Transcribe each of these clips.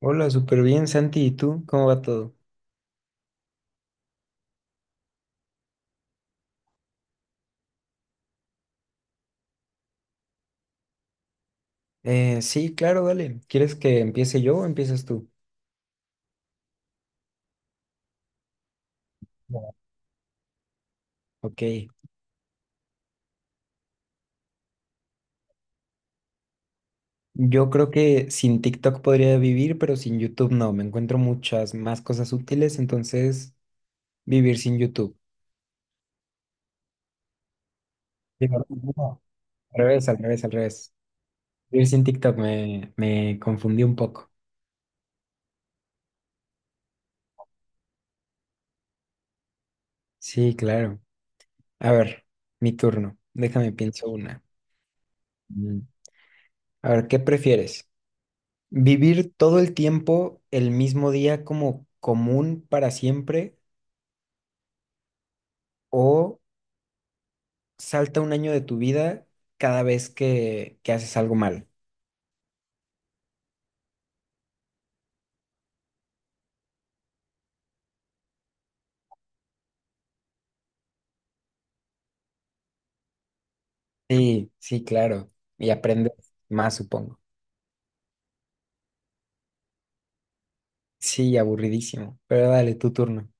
Hola, súper bien, Santi. ¿Y tú? ¿Cómo va todo? Sí, claro, dale. ¿Quieres que empiece yo o empiezas tú? Bueno. Ok. Yo creo que sin TikTok podría vivir, pero sin YouTube no. Me encuentro muchas más cosas útiles, entonces vivir sin YouTube. Digo, no, al revés, al revés, al revés. Vivir sin TikTok me confundí un poco. Sí, claro. A ver, mi turno. Déjame pienso una. Mm. A ver, ¿qué prefieres? ¿Vivir todo el tiempo el mismo día como común para siempre o salta un año de tu vida cada vez que haces algo mal? Sí, sí, claro. Y aprendes más, supongo. Sí, aburridísimo. Pero dale, tu turno.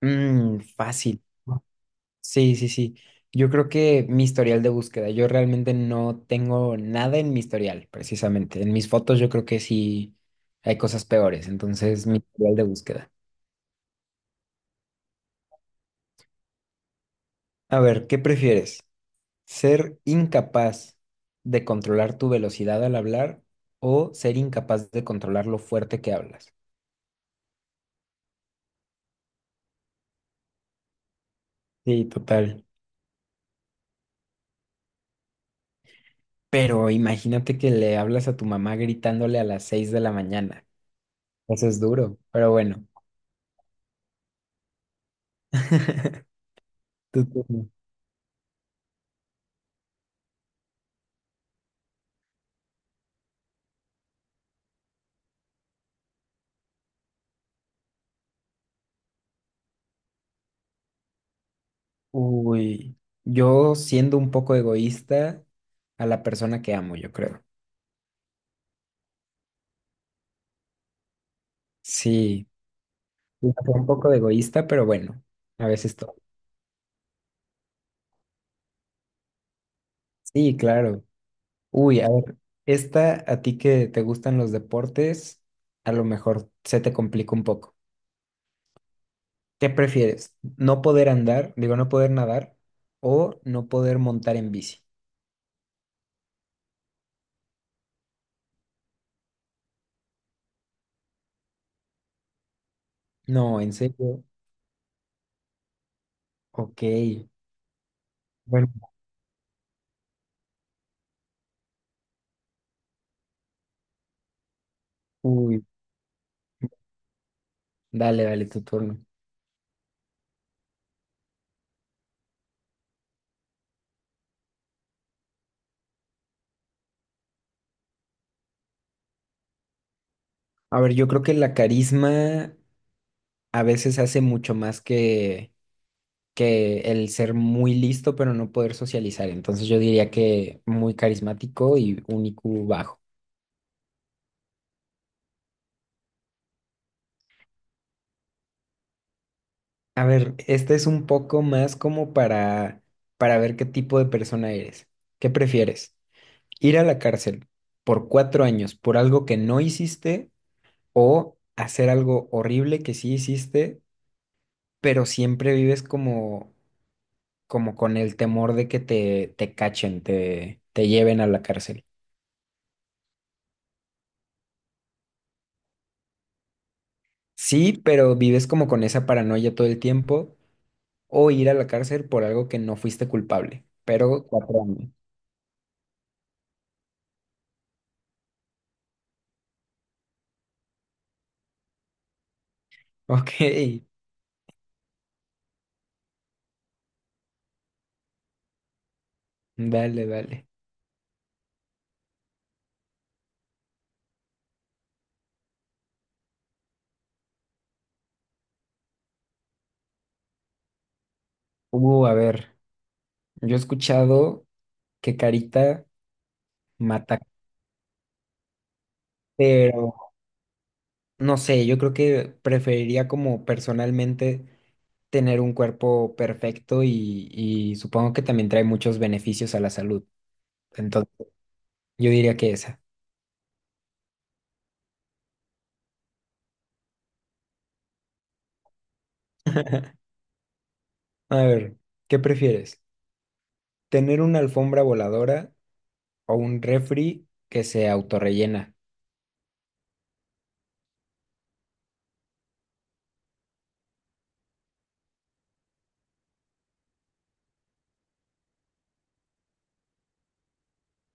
Fácil. Sí, sí, sí. Yo creo que mi historial de búsqueda, yo realmente no tengo nada en mi historial, precisamente. En mis fotos yo creo que sí hay cosas peores, entonces mi historial de búsqueda. A ver, ¿qué prefieres? ¿Ser incapaz de controlar tu velocidad al hablar o ser incapaz de controlar lo fuerte que hablas? Sí, total. Pero imagínate que le hablas a tu mamá gritándole a las 6 de la mañana. Eso es duro, pero bueno. Tu turno. Uy, yo siendo un poco egoísta a la persona que amo, yo creo. Sí, un poco de egoísta, pero bueno, a veces todo. Sí, claro. Uy, a ver, esta a ti que te gustan los deportes, a lo mejor se te complica un poco. ¿Qué prefieres? ¿No poder andar, digo, no poder nadar o no poder montar en bici? No, en serio. Ok. Bueno, uy, dale, dale tu turno. A ver, yo creo que la carisma a veces hace mucho más que el ser muy listo, pero no poder socializar. Entonces yo diría que muy carismático y un IQ bajo. A ver, este es un poco más como para ver qué tipo de persona eres. ¿Qué prefieres? ¿Ir a la cárcel por 4 años por algo que no hiciste o hacer algo horrible que sí hiciste, pero siempre vives como con el temor de que te cachen, te lleven a la cárcel? Sí, pero vives como con esa paranoia todo el tiempo o ir a la cárcel por algo que no fuiste culpable, pero 4 años. Ok, dale, dale. A ver, yo he escuchado que Carita mata, pero no sé, yo creo que preferiría como personalmente tener un cuerpo perfecto y supongo que también trae muchos beneficios a la salud. Entonces, yo diría que esa. A ver, ¿qué prefieres? ¿Tener una alfombra voladora o un refri que se autorrellena?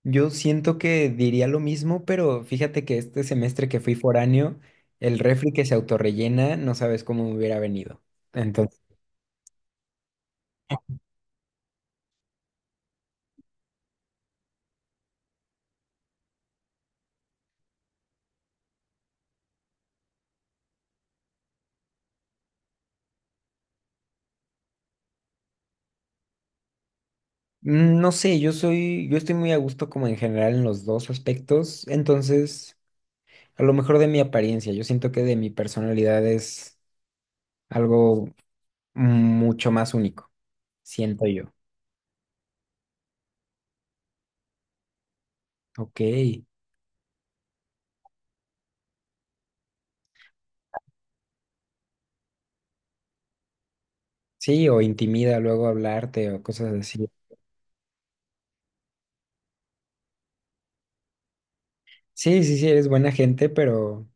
Yo siento que diría lo mismo, pero fíjate que este semestre que fui foráneo, el refri que se autorrellena, no sabes cómo me hubiera venido. Entonces, mm, no sé, yo estoy muy a gusto como en general en los dos aspectos, entonces, a lo mejor de mi apariencia, yo siento que de mi personalidad es algo mucho más único, siento yo. Ok, sí, o intimida luego hablarte o cosas así. Sí, sí, sí, eres buena gente, pero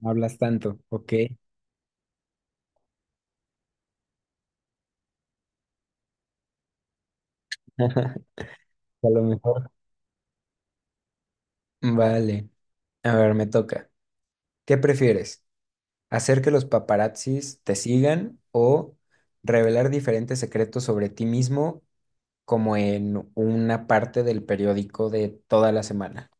no hablas tanto, ok. A lo mejor. Vale. A ver, me toca. ¿Qué prefieres? ¿Hacer que los paparazzis te sigan o revelar diferentes secretos sobre ti mismo como en una parte del periódico de toda la semana?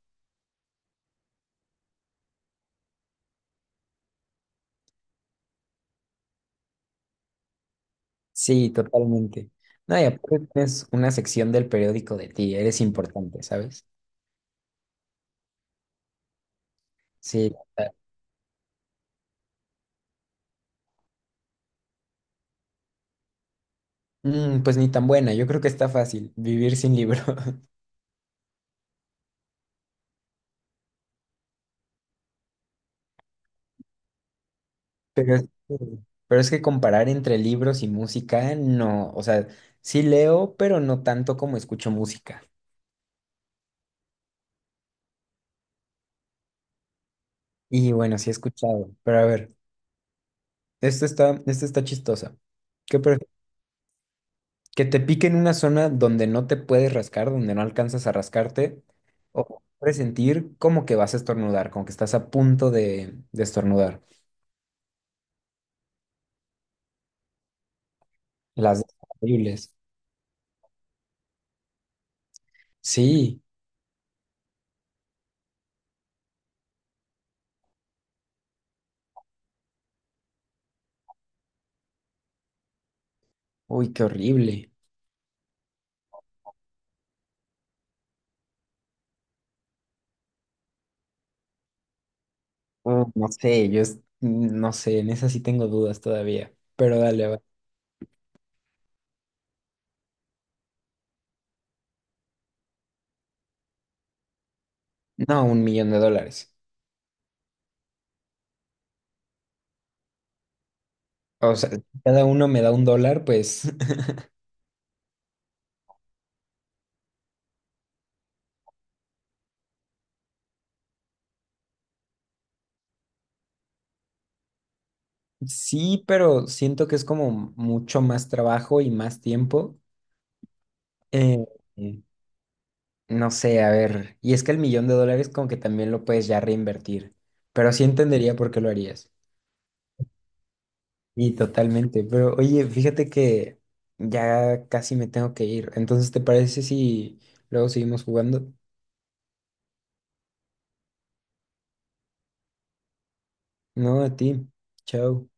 Sí, totalmente. No, y aparte tienes una sección del periódico de ti, eres importante, ¿sabes? Sí. Pues ni tan buena, yo creo que está fácil vivir sin libro. Pero es que, pero es que comparar entre libros y música, no, o sea, sí leo, pero no tanto como escucho música. Y bueno, sí he escuchado, pero a ver, esto está chistosa. ¿Qué prefieres? ¿Que te pique en una zona donde no te puedes rascar, donde no alcanzas a rascarte? ¿O presentir como que vas a estornudar, como que estás a punto de estornudar? Las dos horribles. Sí, uy, qué horrible. No sé, yo no sé, en esa sí tengo dudas todavía, pero dale, va. No, 1 millón de dólares. O sea, si cada uno me da $1, pues sí, pero siento que es como mucho más trabajo y más tiempo. Eh, eh, no sé, a ver, y es que el 1 millón de dólares como que también lo puedes ya reinvertir, pero sí entendería por qué lo harías. Y totalmente, pero oye, fíjate que ya casi me tengo que ir, entonces ¿te parece si luego seguimos jugando? No, a ti. Chao.